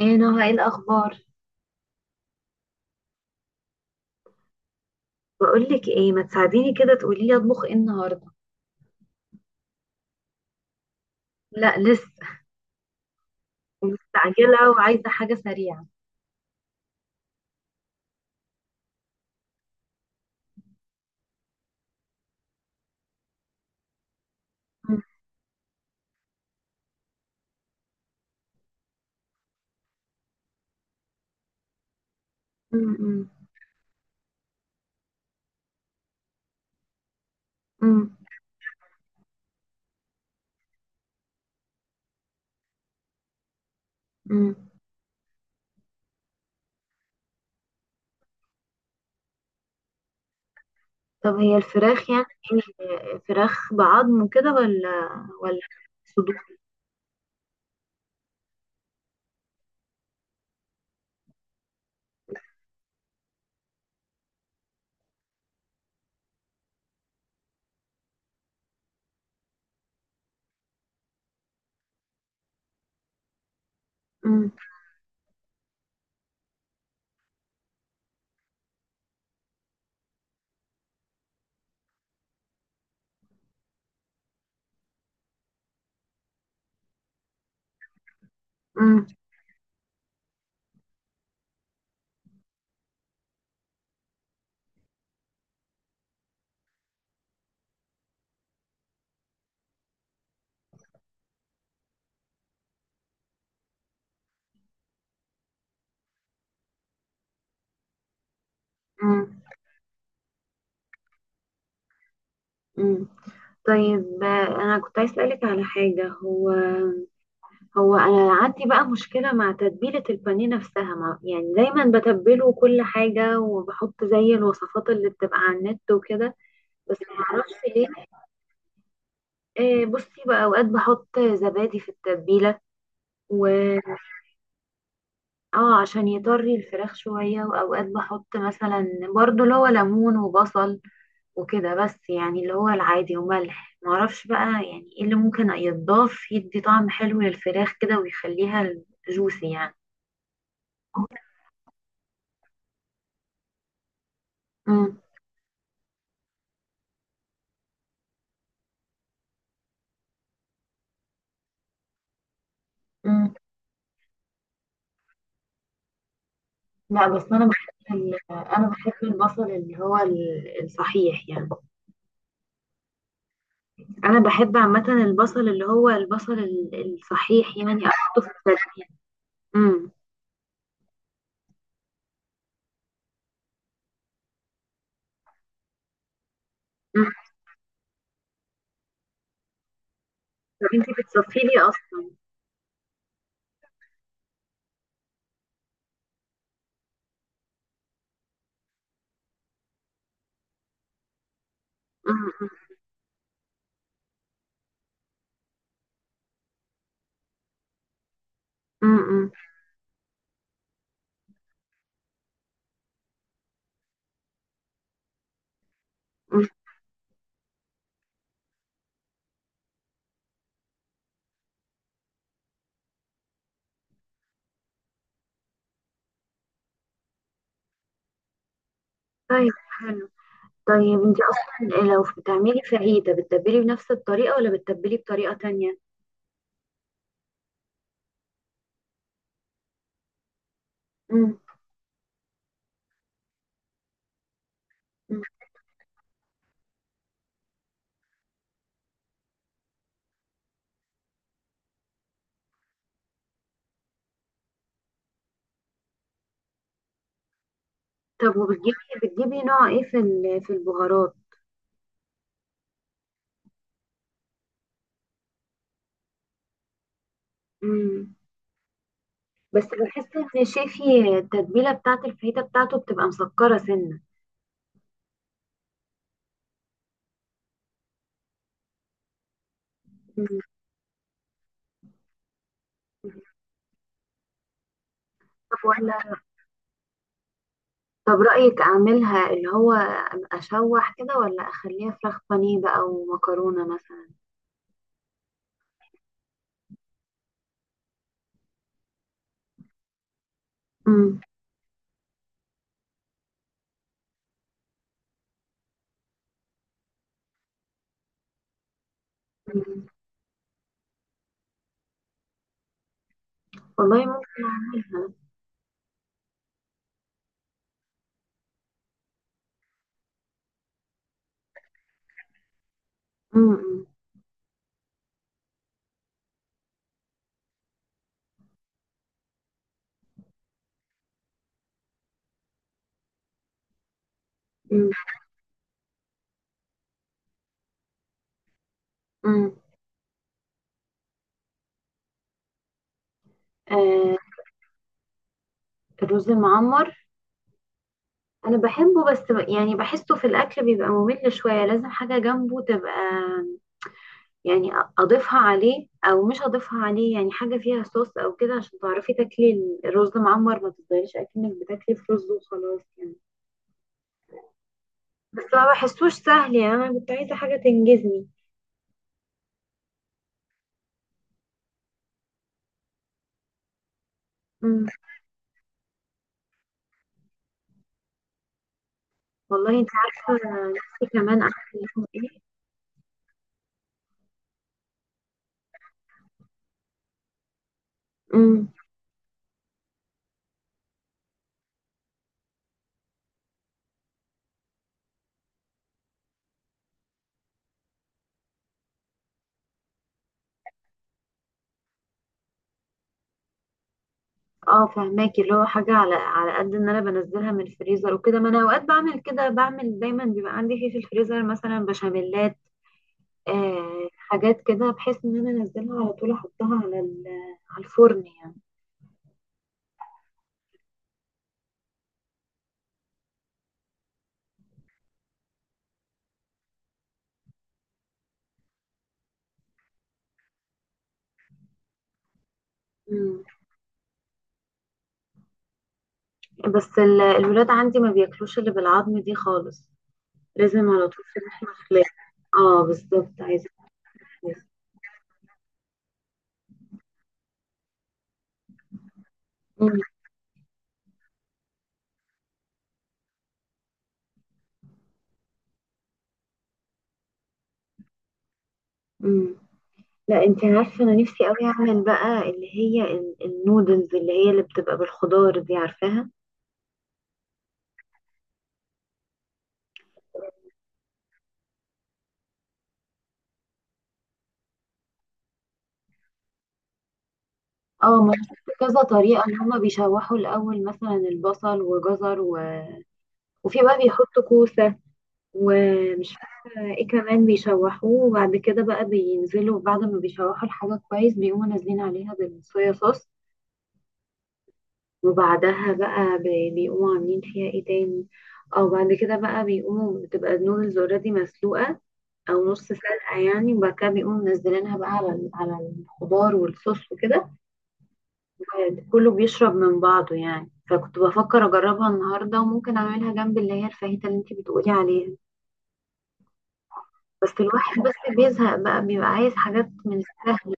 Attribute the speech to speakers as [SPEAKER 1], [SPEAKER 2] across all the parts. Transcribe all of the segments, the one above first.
[SPEAKER 1] ايه نهى، ايه الاخبار؟ بقولك ايه، ما تساعديني كده تقولي لي اطبخ ايه النهارده؟ لا لسه. مستعجله وعايزه حاجه سريعه. مم. مم. مم. مم. طب هي الفراخ يعني؟ إيه، فراخ بعظم كده ولا صدور؟ مم. مم. مم. مم. طيب، انا كنت عايز اسالك على حاجه. هو انا عندي بقى مشكله مع تتبيله البانيه نفسها، ما يعني دايما بتبله كل حاجه وبحط زي الوصفات اللي بتبقى على النت وكده، بس ما اعرفش ليه. بصي بقى، اوقات بحط زبادي في التتبيله و اه عشان يطري الفراخ شويه، واوقات بحط مثلا برضو اللي هو ليمون وبصل وكده، بس يعني اللي هو العادي وملح. ما اعرفش بقى يعني ايه اللي ممكن يتضاف يدي طعم حلو للفراخ كده ويخليها جوسي يعني. مم. لا بس انا بحب البصل اللي هو الصحيح يعني. انا بحب عامه البصل اللي هو البصل الصحيح يعني احطه في التتبيله. امم. أمم. طب انتي بتصفي لي اصلا؟ أمم. أمم. أمم. أمم. طيب حلو. طيب انتي اصلا لو بتعملي فاهيتا بتتبلي بنفس الطريقه ولا بتتبلي بطريقه تانية؟ امم. أمم. طب وبتجيبي نوع ايه في البهارات؟ امم. بس بحس ان شيفي التتبيله بتاعت الفاهيتا بتاعته بتبقى مسكره سنه. مم. طب ولا طب رايك اعملها اللي هو اشوح كده ولا اخليها فراخ بانيه بقى ومكرونه مثلا؟ امم. مم. والله ممكن اعملها. امم. مم. امم. آه. الرز المعمر انا بحبه، بس يعني بحسه في الاكل بيبقى ممل شويه، لازم حاجه جنبه تبقى يعني اضيفها عليه او مش اضيفها عليه، يعني حاجه فيها صوص او كده عشان تعرفي تاكلي الرز معمر ما تفضليش اكنك بتاكلي في رز وخلاص يعني. بس ما بحسوش سهل. يعني انا كنت عايزه حاجه تنجزني. امم. والله انت عارفه، نفسي كمان اعمل لهم ايه. امم. اه فهماكي، اللي هو حاجه على قد ان انا بنزلها من الفريزر وكده. ما انا اوقات بعمل كده، بعمل دايما بيبقى عندي في الفريزر مثلا بشاميلات، آه، حاجات كده بحيث ان انا انزلها على طول احطها على الفرن يعني. مم. بس الولاد عندي ما بياكلوش اللي بالعظم دي خالص، لازم على طول في لحمة خلاف. اه بالظبط، عايزة خلاف. مم. مم. لا انت عارفة، انا نفسي قوي اعمل بقى اللي هي النودلز اللي هي اللي بتبقى بالخضار دي، عارفاها؟ اه ما أنا شفت كذا طريقة ان هما بيشوحوا الاول مثلا البصل وجزر و... وفي بقى بيحطوا كوسة ومش فاكرة ايه كمان بيشوحوه، وبعد كده بقى بينزلوا بعد ما بيشوحوا الحاجة كويس بيقوموا نازلين عليها بالصويا صوص. وبعدها بقى بيقوموا عاملين فيها ايه تاني. او بعد كده بقى بيقوموا بتبقى النودلز اوريدي مسلوقة او نص سلقة يعني، وبعد كده بيقوموا منزلينها بقى على الخضار والصوص وكده، كله بيشرب من بعضه يعني. فكنت بفكر اجربها النهاردة وممكن اعملها جنب اللي هي الفاهيتا اللي انتي بتقولي عليها. بس الواحد بس بيزهق بقى بيبقى عايز حاجات من السهل.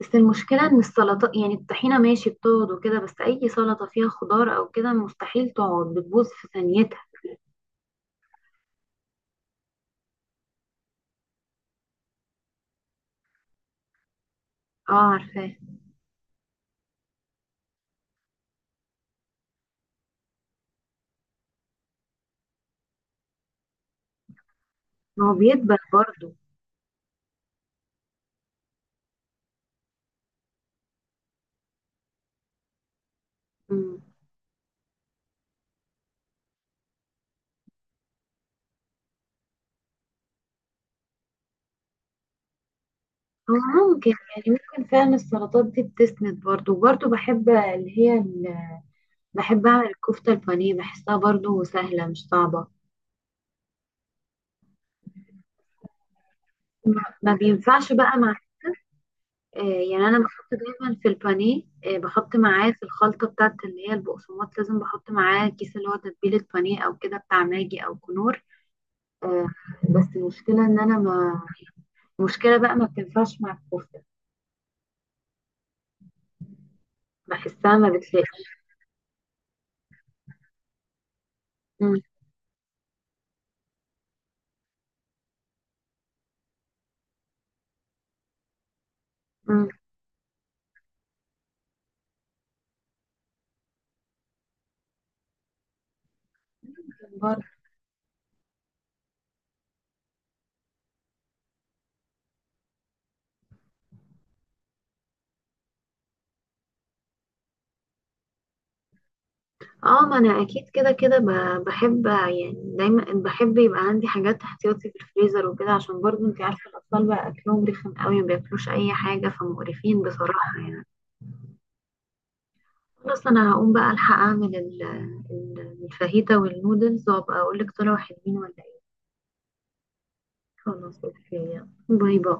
[SPEAKER 1] بس المشكلة ان السلطة يعني الطحينة ماشي بتقعد وكده، بس اي سلطة فيها خضار او كده مستحيل تقعد بتبوظ في ثانيتها. اه عارفاه. ما هو بيدبل برضه. مم. هو ممكن يعني ممكن فعلا السلطات دي بتسند برضه، وبرضه بحب اللي هي ال... بحب اعمل الكفتة البانيه بحسها برضه سهلة مش صعبة. ما بينفعش بقى مع آه يعني انا بحط دايما في البانيه، بحط معاه في الخلطة بتاعت اللي هي البقسماط، لازم بحط معاه كيس اللي هو تتبيلة بانيه او كده بتاع ماجي او كنور. آه. بس المشكلة ان انا ما المشكلة بقى ما بتنفعش مع الكفتة، بحسها ما بتلاقيش. مم. مم. بره. اه ما انا اكيد كده كده بحب، يعني دايما بحب يبقى عندي حاجات احتياطي في الفريزر وكده، عشان برضو انت عارفة الاطفال بقى اكلهم رخم قوي ما بياكلوش اي حاجة، فمقرفين بصراحة يعني. خلاص انا هقوم بقى الحق اعمل الفاهيتا والنودلز، وابقى اقول لك طلعوا حلوين ولا ايه. خلاص اوكي. يلا. باي باي.